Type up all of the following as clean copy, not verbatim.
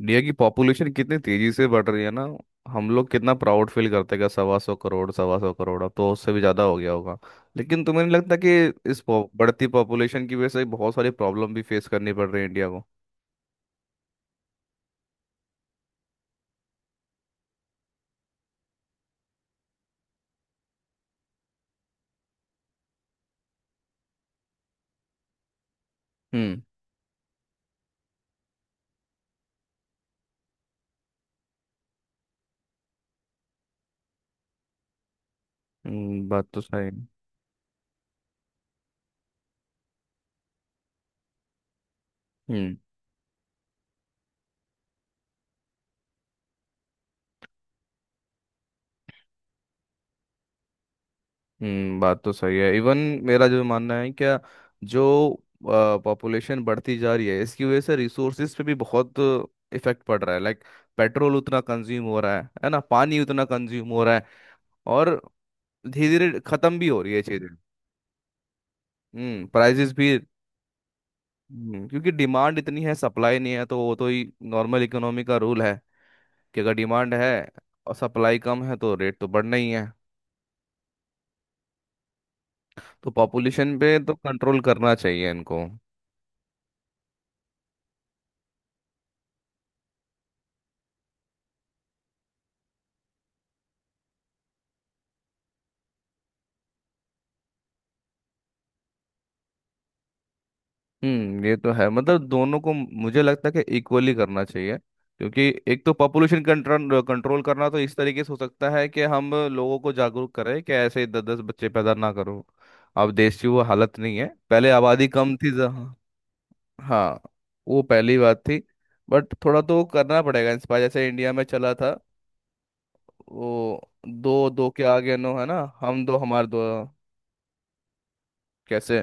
India की population कितनी तेजी से बढ़ रही है ना. हम लोग कितना प्राउड फील करते हैं कि 125 करोड़, 125 करोड़, अब तो उससे भी ज़्यादा हो गया होगा. लेकिन तुम्हें नहीं लगता कि बढ़ती पॉपुलेशन की वजह से बहुत सारी प्रॉब्लम भी फेस करनी पड़ रही है इंडिया को? हम्म. बात तो सही है. हम्म. हम्म, बात तो सही है. इवन मेरा जो मानना है क्या, जो पॉपुलेशन बढ़ती जा रही है इसकी वजह से रिसोर्सेज पे भी बहुत इफेक्ट पड़ रहा है. लाइक पेट्रोल उतना कंज्यूम हो रहा है ना, पानी उतना कंज्यूम हो रहा है, और धीरे धीरे खत्म भी हो रही है चीजें. हम्म, प्राइजेस भी. क्योंकि डिमांड इतनी है, सप्लाई नहीं है, तो वो तो ही नॉर्मल इकोनॉमी का रूल है कि अगर डिमांड है और सप्लाई कम है तो रेट तो बढ़ना ही है. तो पॉपुलेशन पे तो कंट्रोल करना चाहिए इनको. हम्म, ये तो है. मतलब दोनों को मुझे लगता है कि इक्वली करना चाहिए, क्योंकि एक तो पॉपुलेशन कंट्रोल कंट्रोल करना तो इस तरीके से हो सकता है कि हम लोगों को जागरूक करें कि ऐसे दस दस बच्चे पैदा ना करो. अब देश की वो हालत नहीं है, पहले आबादी कम थी. हाँ. वो पहली बात थी. बट थोड़ा तो करना पड़ेगा इंस्पायर, जैसे इंडिया में चला था वो, दो दो के आगे नो, है ना, हम दो हमारे दो. कैसे?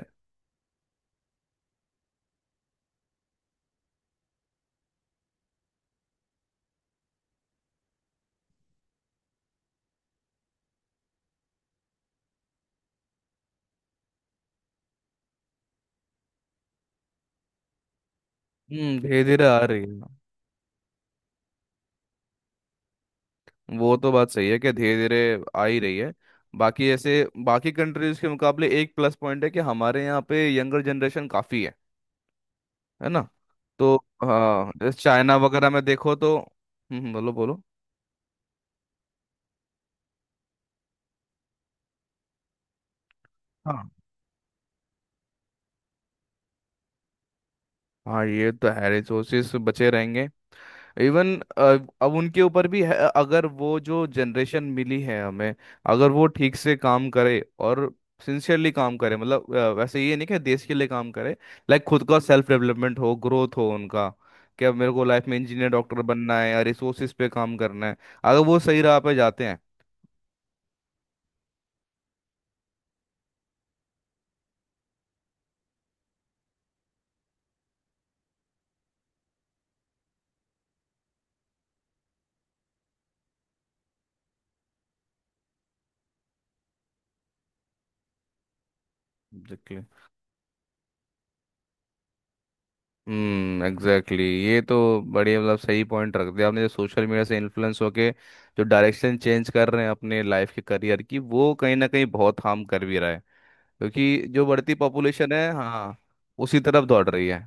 हम्म, धीरे धीरे आ रही है. वो तो बात सही है कि धीरे धीरे आ ही रही है. बाकी ऐसे बाकी कंट्रीज के मुकाबले एक प्लस पॉइंट है कि हमारे यहाँ पे यंगर जनरेशन काफी है ना. तो हाँ, जैसे चाइना वगैरह में देखो तो. हम्म, बोलो बोलो. हाँ. हाँ, ये तो है, रिसोर्सेस बचे रहेंगे. इवन अब उनके ऊपर भी है. अगर वो जो जनरेशन मिली है हमें, अगर वो ठीक से काम करे और सिंसियरली काम करे, मतलब वैसे ये नहीं कि देश के लिए काम करे, लाइक खुद का सेल्फ डेवलपमेंट हो, ग्रोथ हो उनका. कि अब मेरे को लाइफ में इंजीनियर डॉक्टर बनना है या रिसोर्सेज पे काम करना है, अगर वो सही राह पे जाते हैं. एग्जैक्टली. हम्म, एग्जैक्टली, ये तो बढ़िया. मतलब सही पॉइंट रख दिया आपने, जो सोशल मीडिया से इन्फ्लुएंस होके जो डायरेक्शन चेंज कर रहे हैं अपने लाइफ के करियर की, वो कहीं ना कहीं बहुत हार्म कर भी रहा है, क्योंकि जो बढ़ती पॉपुलेशन है, हाँ, उसी तरफ दौड़ रही है.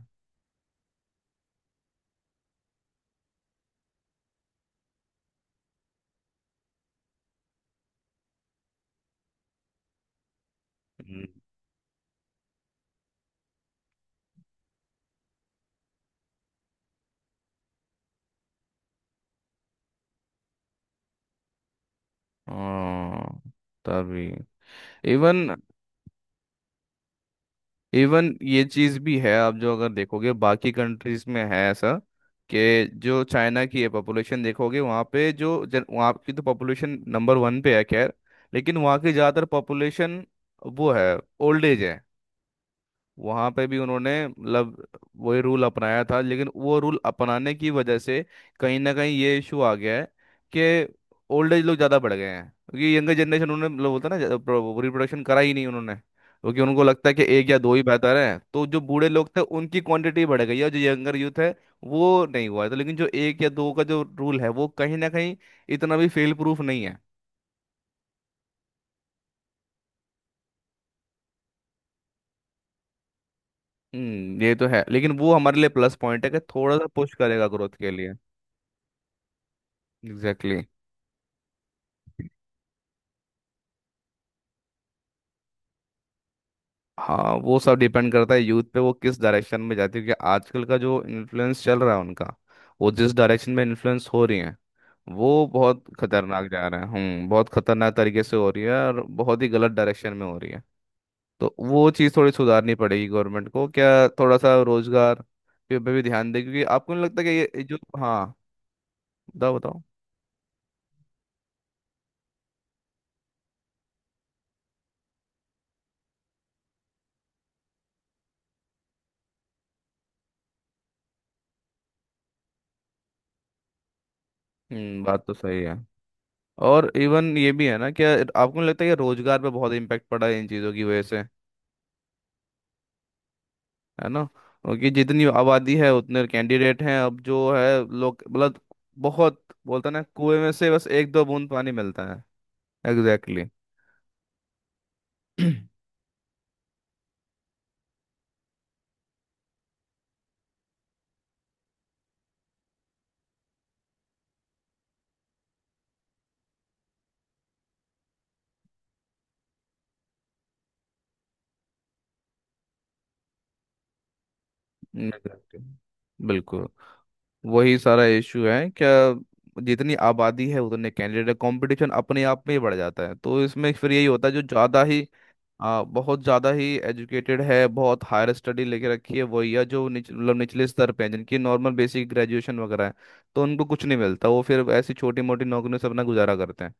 हम्म, हाँ, तभी. इवन, इवन ये चीज भी है, आप जो अगर देखोगे बाकी कंट्रीज में है ऐसा. कि जो चाइना की है पॉपुलेशन देखोगे, वहाँ पे वहाँ की तो पॉपुलेशन नंबर 1 पे है, खैर. लेकिन वहाँ की ज़्यादातर पॉपुलेशन वो है, ओल्ड एज है. वहां पे भी उन्होंने, मतलब वही रूल अपनाया था, लेकिन वो रूल अपनाने की वजह से कहीं ना कहीं ये इशू आ गया है कि ओल्ड एज लोग ज़्यादा बढ़ गए हैं, क्योंकि यंगर जनरेशन उन्होंने, मतलब बोलता है ना, रिप्रोडक्शन करा ही नहीं उन्होंने, क्योंकि उनको लगता है कि एक या दो ही बेहतर है. तो जो बूढ़े लोग थे उनकी क्वांटिटी बढ़ गई है और जो यंगर यूथ है वो नहीं हुआ है. तो लेकिन जो एक या दो का जो रूल है, वो कहीं ना कहीं इतना भी फेल प्रूफ नहीं है. हम्म, ये तो है. लेकिन वो हमारे लिए प्लस पॉइंट है कि थोड़ा सा पुश करेगा ग्रोथ के लिए. एग्जैक्टली. हाँ, वो सब डिपेंड करता है यूथ पे, वो किस डायरेक्शन में जाती है. क्योंकि आजकल का जो इन्फ्लुएंस चल रहा है उनका, वो जिस डायरेक्शन में इन्फ्लुएंस हो रही है, वो बहुत खतरनाक जा रहा है. हम्म, बहुत खतरनाक तरीके से हो रही है और बहुत ही गलत डायरेक्शन में हो रही है. तो वो चीज़ थोड़ी सुधारनी पड़ेगी गवर्नमेंट को क्या, थोड़ा सा रोजगार पे पे भी ध्यान दे, क्योंकि आपको नहीं लगता कि ये जो, हाँ, बताओ बताओ. हम्म, बात तो सही है. और इवन ये भी है ना क्या, आपको नहीं लगता है कि रोजगार पे बहुत इम्पेक्ट पड़ा है इन चीज़ों की वजह से, है ना? क्योंकि जितनी आबादी है उतने कैंडिडेट हैं अब, जो है लोग मतलब, बहुत बोलता ना, कुएं में से बस एक दो बूंद पानी मिलता है. Exactly, exactly. बिल्कुल. वही सारा इशू है क्या, जितनी आबादी है उतने कैंडिडेट, कंपटीशन अपने आप में ही बढ़ जाता है. तो इसमें फिर यही होता है, जो ज़्यादा ही आ, बहुत ज़्यादा ही एजुकेटेड है, बहुत हायर स्टडी लेके रखी है, वही है जो मतलब निचले स्तर पे है, जिनकी नॉर्मल बेसिक ग्रेजुएशन वगैरह है, तो उनको कुछ नहीं मिलता, वो फिर ऐसी छोटी मोटी नौकरियों से अपना गुजारा करते हैं.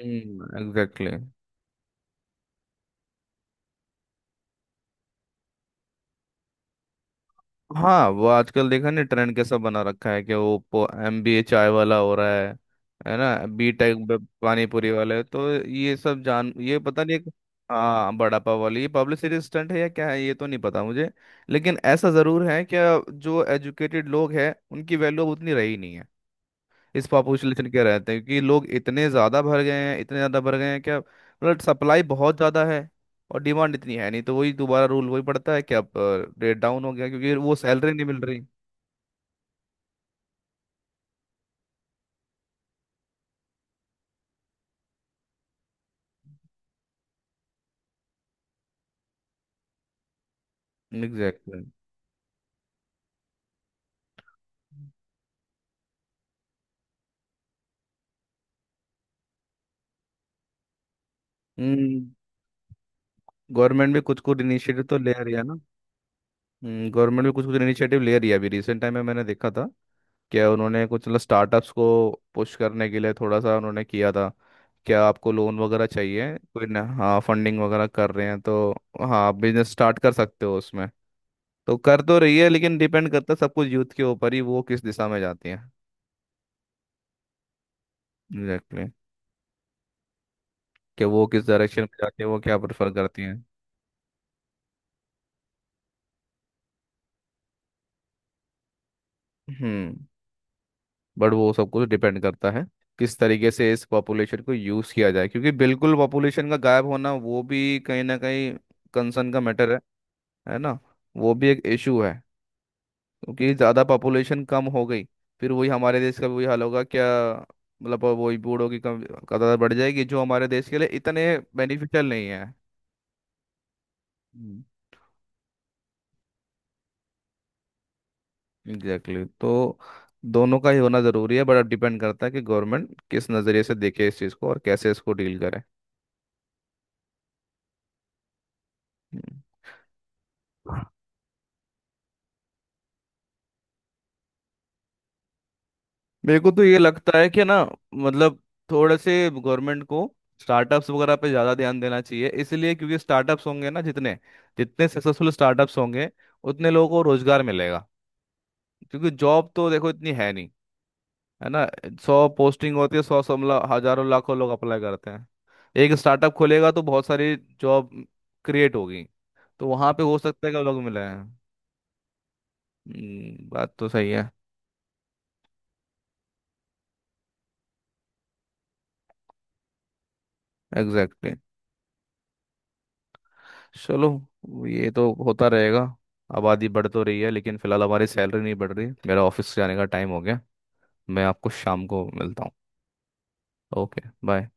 हम्म, एग्जैक्टली. हाँ, वो आजकल देखा नहीं, ट्रेंड कैसा बना रखा है कि वो MBA चाय वाला हो रहा है. है ना B.Tech पानी पूरी वाले, तो ये सब जान, ये पता नहीं, हाँ, बड़ा पाव वाली, ये पब्लिसिटी स्टंट है या क्या है, ये तो नहीं पता मुझे. लेकिन ऐसा जरूर है कि जो एजुकेटेड लोग हैं उनकी वैल्यू अब उतनी रही नहीं, इस पॉपुलेशन के रहते हैं, क्योंकि लोग इतने ज़्यादा भर गए हैं, इतने ज़्यादा भर गए हैं क्या, मतलब सप्लाई बहुत ज़्यादा है और डिमांड इतनी है नहीं, तो वही दोबारा रूल वही पड़ता है कि अब रेट डाउन हो गया, क्योंकि वो सैलरी नहीं मिल रही. एग्जैक्टली. हम्म, गवर्नमेंट भी कुछ कुछ इनिशिएटिव तो ले रही है ना. हम्म, गवर्नमेंट भी कुछ कुछ इनिशिएटिव ले रही है. अभी रिसेंट टाइम में मैंने देखा था क्या, उन्होंने कुछ मतलब स्टार्टअप्स को पुश करने के लिए थोड़ा सा उन्होंने किया था, क्या आपको लोन वगैरह चाहिए कोई ना, हाँ, फंडिंग वगैरह कर रहे हैं, तो हाँ, आप बिजनेस स्टार्ट कर सकते हो उसमें. तो कर तो रही है, लेकिन डिपेंड करता है सब कुछ यूथ के ऊपर ही, वो किस दिशा में जाती है. Exactly, exactly. कि वो किस डायरेक्शन में जाती है, वो क्या प्रेफर करती है. हम्म. बट वो सब कुछ डिपेंड करता है किस तरीके से इस पॉपुलेशन को यूज़ किया जाए, क्योंकि बिल्कुल पॉपुलेशन का गायब होना वो भी कहीं ना कहीं कंसर्न का मैटर है ना, वो भी एक इशू है. क्योंकि ज़्यादा पॉपुलेशन कम हो गई, फिर वही हमारे देश का भी वही हाल होगा क्या, मतलब वही बूढ़ों की कम तादाद बढ़ जाएगी, जो हमारे देश के लिए इतने बेनिफिशियल नहीं है. Exactly, exactly. तो दोनों का ही होना ज़रूरी है, बट अब डिपेंड करता है कि गवर्नमेंट किस नज़रिए से देखे इस चीज़ को और कैसे इसको डील करे. हम्म. मेरे को तो ये लगता है कि ना, मतलब थोड़े से गवर्नमेंट को स्टार्टअप्स वगैरह पे ज़्यादा ध्यान देना चाहिए, इसलिए क्योंकि स्टार्टअप्स होंगे ना जितने, जितने सक्सेसफुल स्टार्टअप्स होंगे उतने लोगों को रोजगार मिलेगा, क्योंकि जॉब तो देखो इतनी है नहीं, है ना. 100 पोस्टिंग होती है, सौ सौ मतलब हजारों लाखों लोग अप्लाई करते हैं. एक स्टार्टअप खोलेगा तो बहुत सारी जॉब क्रिएट होगी, तो वहां पे हो सकता है कि लोग मिले हैं. बात तो सही है. Exactly, exactly. चलो, ये तो होता रहेगा. आबादी बढ़ तो रही है लेकिन फिलहाल हमारी सैलरी नहीं बढ़ रही. मेरा ऑफिस जाने का टाइम हो गया, मैं आपको शाम को मिलता हूँ. ओके. बाय.